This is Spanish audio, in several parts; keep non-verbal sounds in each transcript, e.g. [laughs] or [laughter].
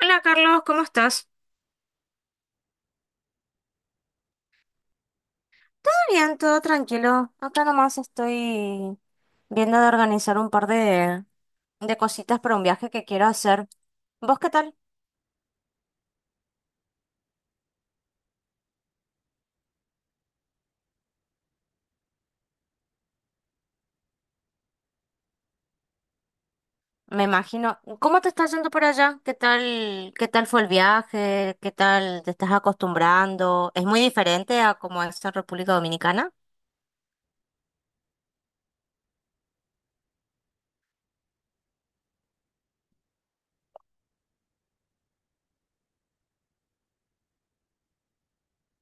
Hola Carlos, ¿cómo estás? Todo bien, todo tranquilo. Acá nomás estoy viendo de organizar un par de cositas para un viaje que quiero hacer. ¿Vos qué tal? Me imagino. ¿Cómo te estás yendo por allá? Qué tal fue el viaje? ¿Qué tal te estás acostumbrando? ¿Es muy diferente a como es en República Dominicana?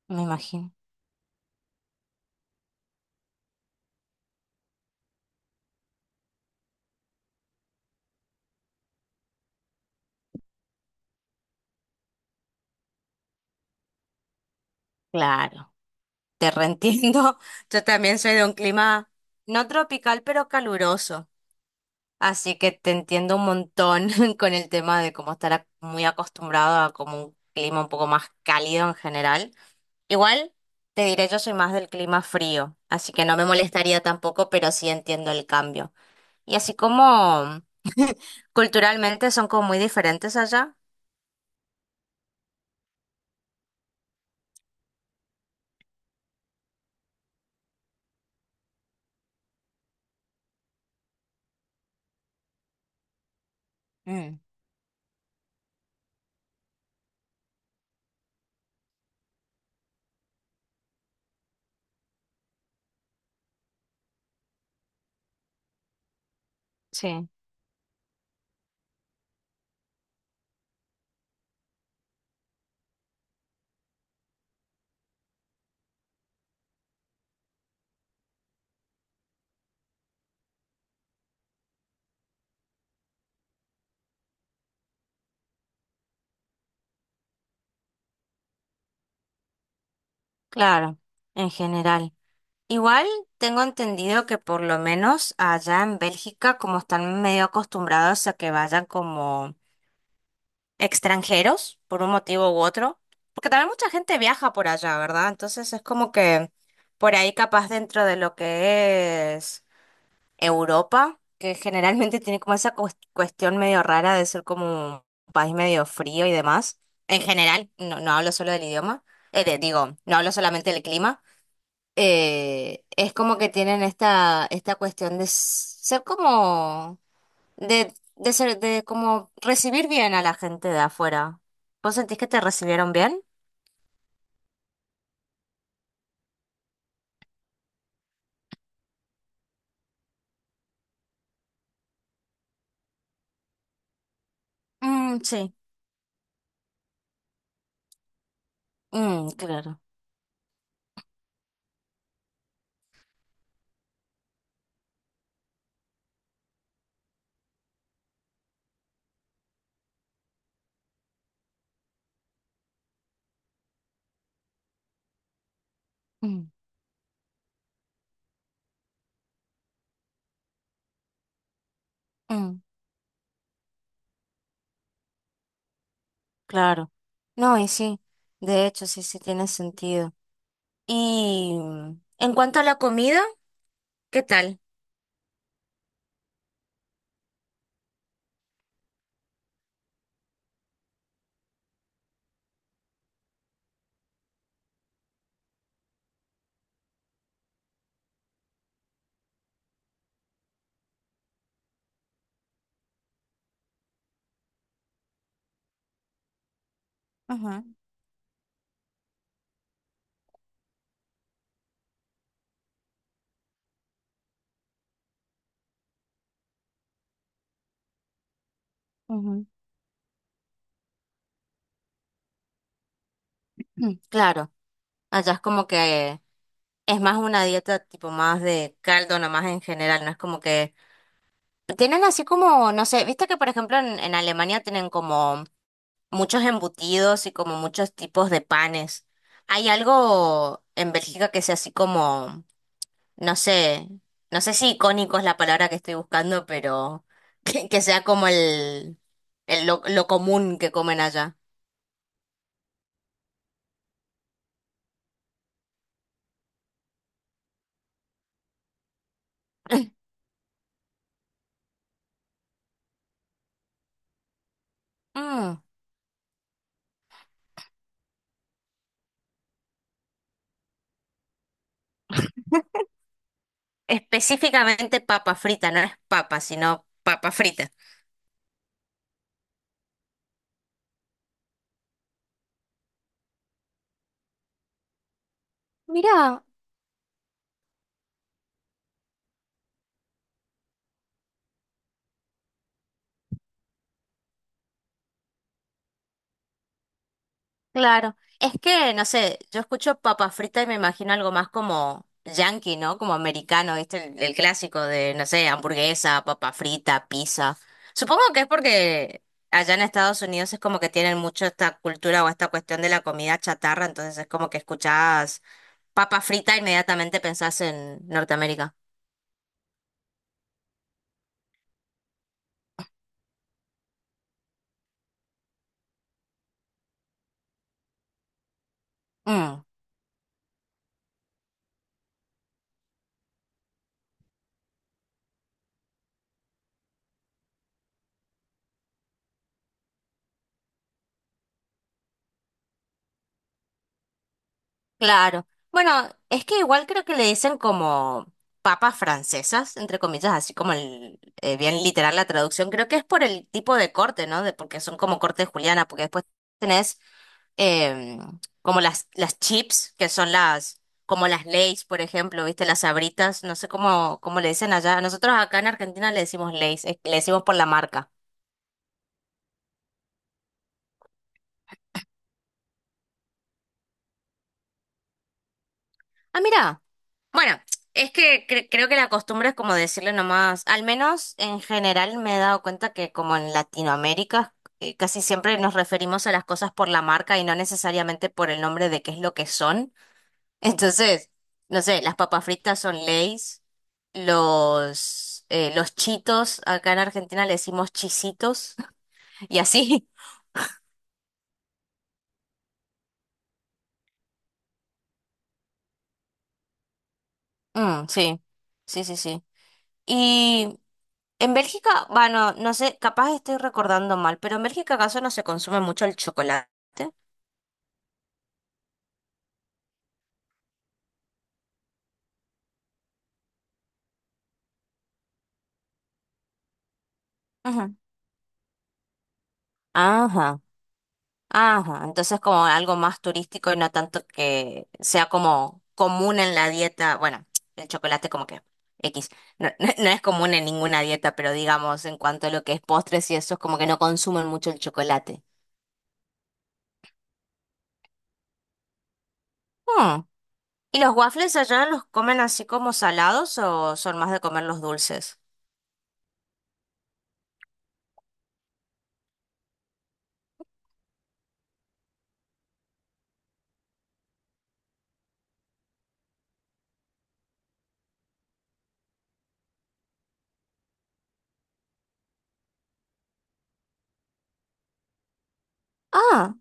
Me imagino. Claro, te reentiendo. [laughs] Yo también soy de un clima no tropical, pero caluroso. Así que te entiendo un montón [laughs] con el tema de cómo estar muy acostumbrado a como un clima un poco más cálido en general. Igual te diré, yo soy más del clima frío, así que no me molestaría tampoco, pero sí entiendo el cambio. Y así como culturalmente son como muy diferentes allá. Mm, sí. Claro, en general. Igual tengo entendido que por lo menos allá en Bélgica, como están medio acostumbrados a que vayan como extranjeros, por un motivo u otro, porque también mucha gente viaja por allá, ¿verdad? Entonces es como que por ahí capaz dentro de lo que es Europa, que generalmente tiene como esa cuestión medio rara de ser como un país medio frío y demás. En general, no, no hablo solo del idioma, digo, no hablo solamente del clima. Es como que tienen esta cuestión de ser como de como recibir bien a la gente de afuera. ¿Vos sentís que te recibieron bien? Mm, sí. Mm, claro. Mm, mm, claro. No, y sí, de hecho, sí, sí tiene sentido. Y en cuanto a la comida, ¿qué tal? Ajá. Ujú. Mm, claro, allá es como que es más una dieta tipo más de caldo nomás en general, no es como que tienen así como, no sé, viste que por ejemplo en Alemania tienen como muchos embutidos y como muchos tipos de panes. ¿Hay algo en Bélgica que sea así como, no sé, no sé si icónico es la palabra que estoy buscando, pero [laughs] que sea como lo común que comen allá? Mm, Específicamente papa frita, no es papa, sino papa frita. Mirá, claro, es que, no sé, yo escucho papa frita y me imagino algo más como yankee, ¿no? Como americano, ¿viste? El clásico de, no sé, hamburguesa, papa frita, pizza. Supongo que es porque allá en Estados Unidos es como que tienen mucho esta cultura o esta cuestión de la comida chatarra, entonces es como que escuchás papa frita e inmediatamente pensás en Norteamérica. Mm. Claro. Bueno, es que igual creo que le dicen como papas francesas, entre comillas, así como bien literal la traducción. Creo que es por el tipo de corte, ¿no? De, porque son como corte de juliana, porque después tenés em, como las chips, que son como las Lay's, por ejemplo, ¿viste? Las Sabritas, no sé cómo le dicen allá. Nosotros acá en Argentina le decimos Lay's, le decimos por la marca. Ah, mira. Bueno, es que creo que la costumbre es como decirle nomás, al menos en general me he dado cuenta que como en Latinoamérica casi siempre nos referimos a las cosas por la marca y no necesariamente por el nombre de qué es lo que son. [laughs] Entonces, no sé, las papas fritas son Lay's, los chitos, acá en Argentina le decimos chisitos [laughs] y así. Mm, sí, sí, sí, sí. En Bélgica, bueno, no sé, capaz estoy recordando mal, pero en Bélgica acaso no se consume mucho el chocolate. Ajá. Ajá, ajá. Entonces como algo más turístico y no tanto que sea como común en la dieta. Bueno, el chocolate como que X. No, no es común en ninguna dieta, pero digamos en cuanto a lo que es postres y eso es como que no consumen mucho el chocolate. Hmm. ¿Y los waffles allá los comen así como salados o son más de comer los dulces? Ah.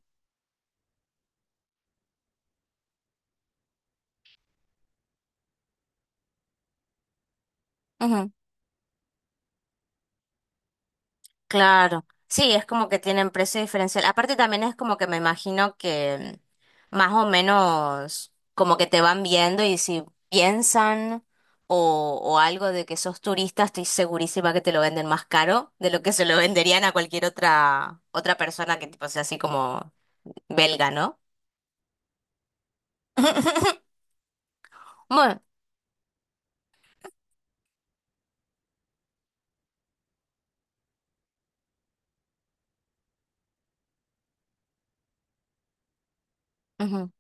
Claro, sí, es como que tienen precio diferencial. Aparte también es como que me imagino que más o menos como que te van viendo y si piensan o algo de que sos turista, estoy segurísima que te lo venden más caro de lo que se lo venderían a cualquier otra persona que tipo sea así como belga, ¿no? Bueno, ujú.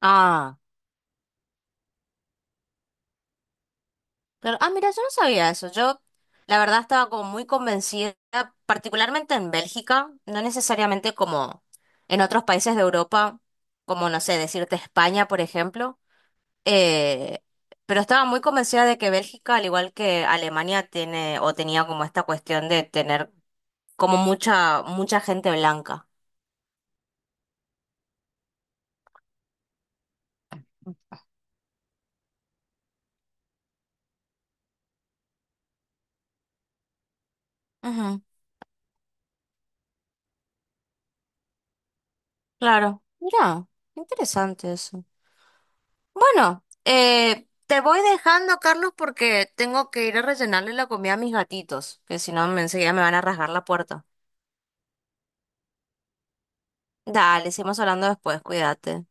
Ah. Claro. Ah, mira, yo no sabía eso. Yo, la verdad, estaba como muy convencida, particularmente en Bélgica, no necesariamente como en otros países de Europa, como, no sé, decirte España, por ejemplo, eh, pero estaba muy convencida de que Bélgica, al igual que Alemania, tiene o tenía como esta cuestión de tener como mucha gente blanca. Ujú, claro. Mira, interesante eso. Bueno, te voy dejando, Carlos, porque tengo que ir a rellenarle la comida a mis gatitos, que si no, enseguida me van a rasgar la puerta. Dale, seguimos hablando después, cuídate.